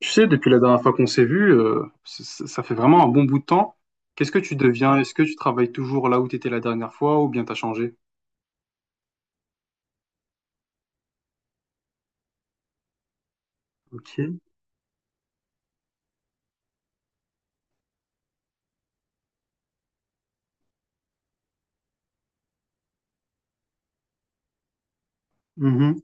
Tu sais, depuis la dernière fois qu'on s'est vu, ça fait vraiment un bon bout de temps. Qu'est-ce que tu deviens? Est-ce que tu travailles toujours là où tu étais la dernière fois ou bien t'as changé? Ok. Mhm.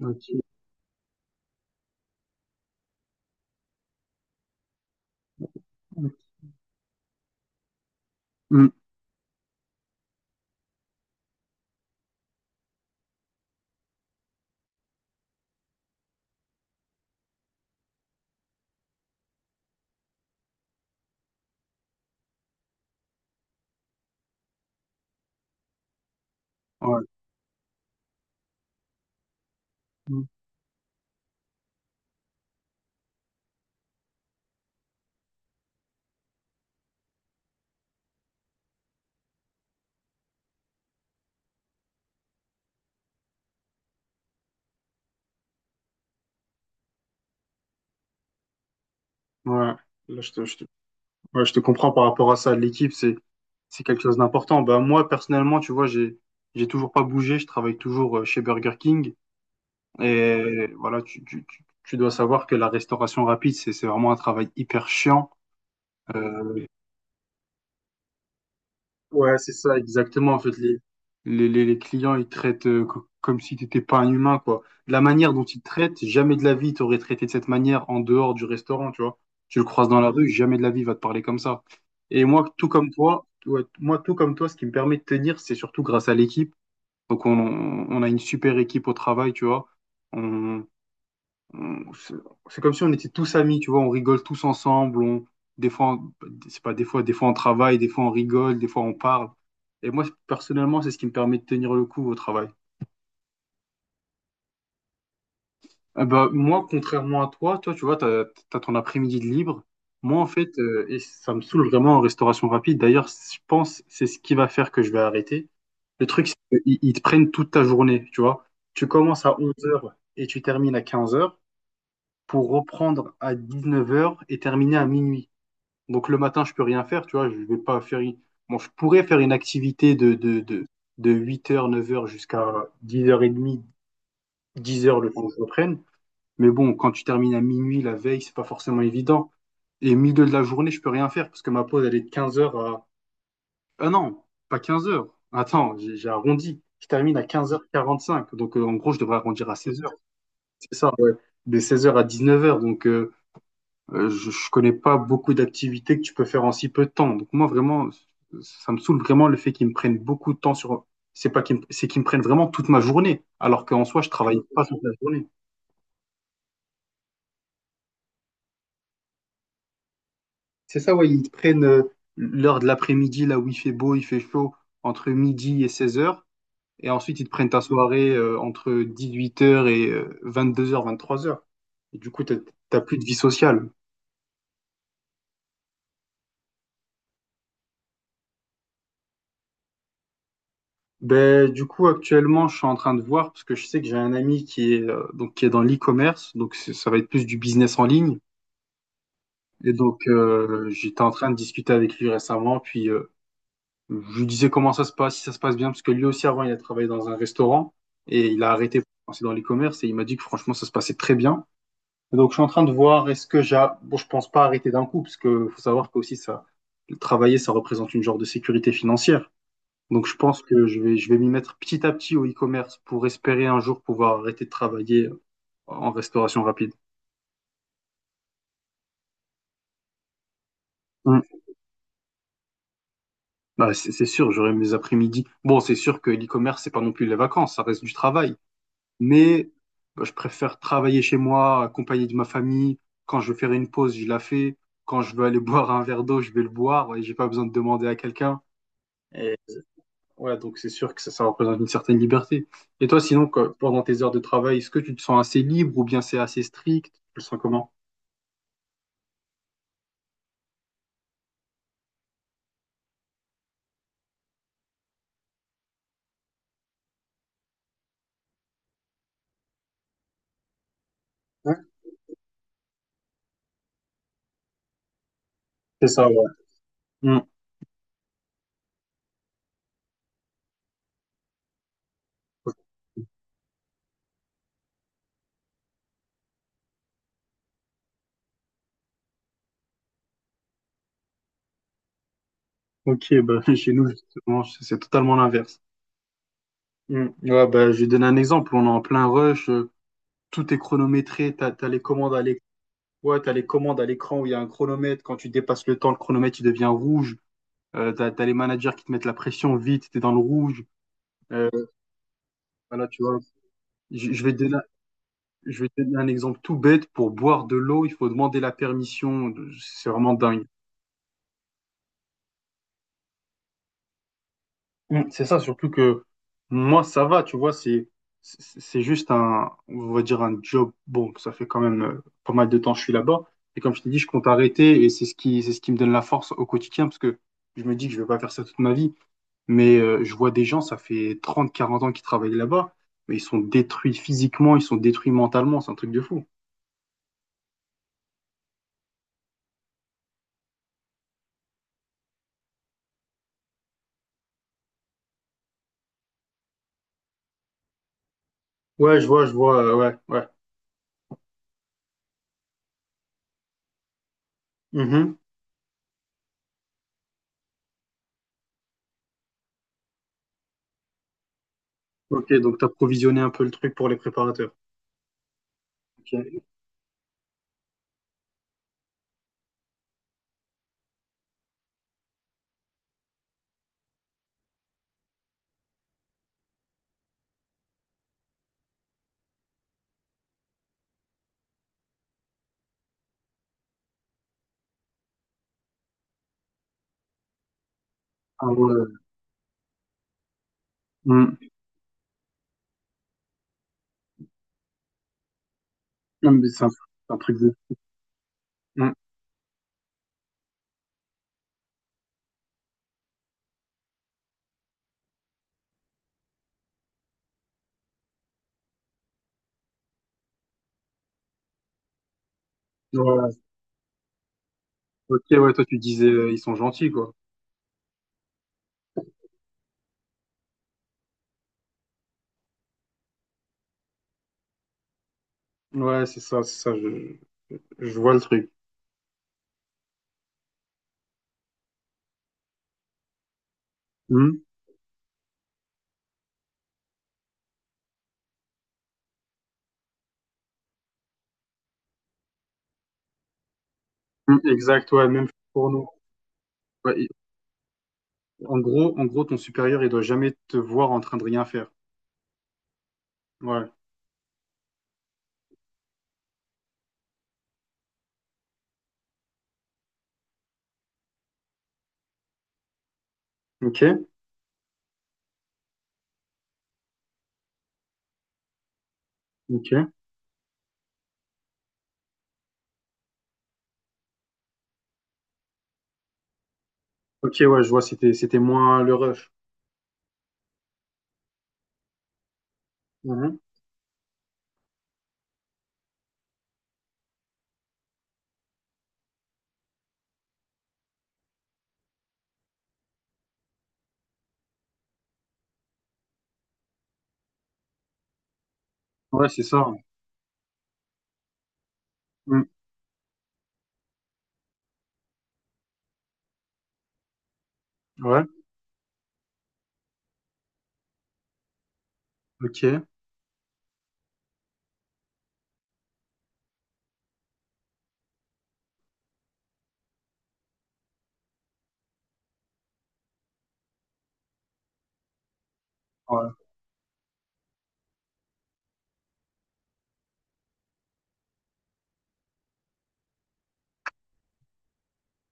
Ok. Mm. Ouais. Mm. Ouais. Là, ouais, je te comprends par rapport à ça. L'équipe, c'est quelque chose d'important. Bah, moi, personnellement, tu vois, j'ai toujours pas bougé. Je travaille toujours chez Burger King. Et voilà, tu dois savoir que la restauration rapide, c'est vraiment un travail hyper chiant. Euh, Ouais, c'est ça, exactement. En fait, les clients, ils traitent comme si tu n'étais pas un humain, quoi. La manière dont ils te traitent, jamais de la vie, tu aurais traité de cette manière en dehors du restaurant, tu vois. Tu le croises dans la rue, jamais de la vie, il va te parler comme ça. Et moi, tout comme toi, ouais, moi, tout comme toi, ce qui me permet de tenir, c'est surtout grâce à l'équipe. Donc, on a une super équipe au travail, tu vois. On, on- c'est c'est comme si on était tous amis, tu vois, on rigole tous ensemble, on, des fois, on- c'est pas des fois, des fois on travaille, des fois on rigole, des fois on parle. Et moi, personnellement, c'est ce qui me permet de tenir le coup au travail. Ah bah, moi, contrairement à toi, tu vois, t'as ton après-midi de libre. Moi, en fait, et ça me saoule vraiment en restauration rapide. D'ailleurs, je pense c'est ce qui va faire que je vais arrêter. Le truc, c'est qu'ils ils te prennent toute ta journée, tu vois. Tu commences à 11 heures et tu termines à 15 heures pour reprendre à 19 heures et terminer à minuit. Donc le matin, je peux rien faire, tu vois, je vais pas faire bon, je pourrais faire une activité de 8 heures 9 heures jusqu'à 10h30, 10 heures le temps que je reprenne. Mais bon, quand tu termines à minuit la veille, c'est pas forcément évident. Et milieu de la journée, je peux rien faire parce que ma pause, elle est de 15 heures à... Ah non, pas 15 heures. Attends, j'ai arrondi. Je termine à 15h45. Donc en gros, je devrais arrondir à 16 heures. C'est ça, ouais. De 16h à 9 heures. Donc je connais pas beaucoup d'activités que tu peux faire en si peu de temps. Donc moi vraiment, ça me saoule vraiment le fait qu'ils me prennent beaucoup de temps sur. C'est pas qu'ils me... C'est qu'ils me prennent vraiment toute ma journée, alors qu'en soi je travaille pas toute la journée. C'est ça, ouais, ils te prennent l'heure de l'après-midi là où il fait beau, il fait chaud, entre midi et 16 heures, et ensuite ils te prennent ta soirée entre 8 heures et 22h, 23h. Et du coup, t'as plus de vie sociale. Ben, du coup, actuellement, je suis en train de voir parce que je sais que j'ai un ami qui est dans l'e-commerce, donc ça va être plus du business en ligne. Et donc, j'étais en train de discuter avec lui récemment, puis je lui disais comment ça se passe, si ça se passe bien, parce que lui aussi, avant, il a travaillé dans un restaurant et il a arrêté pour penser dans l'e-commerce et il m'a dit que franchement, ça se passait très bien. Et donc, je suis en train de voir, bon, je pense pas arrêter d'un coup, parce que faut savoir que aussi, ça, travailler, ça représente une genre de sécurité financière. Donc je pense que je vais m'y mettre petit à petit au e-commerce pour espérer un jour pouvoir arrêter de travailler en restauration rapide. Mm. Bah, c'est sûr, j'aurai mes après-midi. Bon, c'est sûr que l'e-commerce, c'est pas non plus les vacances, ça reste du travail. Mais bah, je préfère travailler chez moi, accompagné de ma famille. Quand je veux faire une pause, je la fais. Quand je veux aller boire un verre d'eau, je vais le boire. Et j'ai pas besoin de demander à quelqu'un. Et Ouais, donc c'est sûr que ça représente une certaine liberté. Et toi, sinon, quoi, pendant tes heures de travail, est-ce que tu te sens assez libre ou bien c'est assez strict? Tu le sens comment? Ouais. C'est ça, ouais. Hmm. Ok, bah, chez nous, justement, c'est totalement l'inverse. Hmm. Ouais, bah, je vais donner un exemple. On est en plein rush, tout est chronométré, t'as les commandes à l'écran. Ouais, t'as les commandes à l'écran où il y a un chronomètre. Quand tu dépasses le temps, le chronomètre, il devient rouge. T'as les managers qui te mettent la pression vite, t'es dans le rouge. Euh, voilà, tu vois. Je je vais te donner Je vais te donner un exemple tout bête. Pour boire de l'eau, il faut demander la permission. C'est vraiment dingue. Mm. C'est ça, surtout que moi, ça va, tu vois, c'est juste un, on va dire un job. Bon, ça fait quand même pas mal de temps que je suis là-bas. Et comme je t'ai dit, je compte arrêter et c'est ce qui me donne la force au quotidien parce que je me dis que je vais pas faire ça toute ma vie. Mais je vois des gens, ça fait 30-40 ans qu'ils travaillent là-bas, mais ils sont détruits physiquement, ils sont détruits mentalement, c'est un truc de fou. Ouais, je vois, ouais, ouais. Mhm. Ok, donc t'as provisionné un peu le truc pour les préparateurs. Ok. Ah ouais. Hmm. Non, mais c'est un truc de. Hmm. Ouais. Ok, ouais, toi tu disais ils sont gentils, quoi. Ouais, c'est ça, je vois le truc. Hmm. Hmm, exact, ouais, même pour nous. Ouais, en gros, ton supérieur, il doit jamais te voir en train de rien faire. Ouais. Ok, ok. Ok, ouais, je vois, c'était moins le rush. Mhm. Ouais, c'est ça. Hmm. Ouais, ok. Ouais.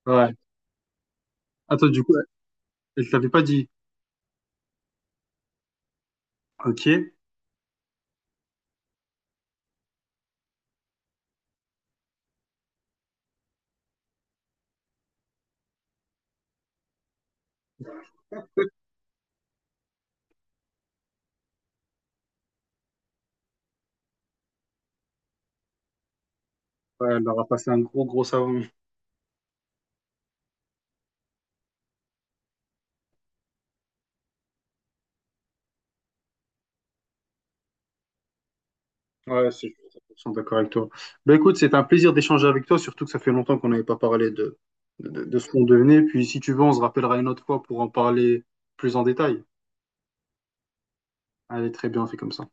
Ouais. Attends, du coup, elle t'avait pas dit. Ok. Ouais, elle aura passé un gros, gros savon. Ouais, c'est- je suis 100% d'accord avec toi. Bah écoute, c'est un plaisir d'échanger avec toi, surtout que ça fait longtemps qu'on n'avait pas parlé de ce qu'on devenait. Puis si tu veux, on se rappellera une autre fois pour en parler plus en détail. Allez, très bien, on fait comme ça.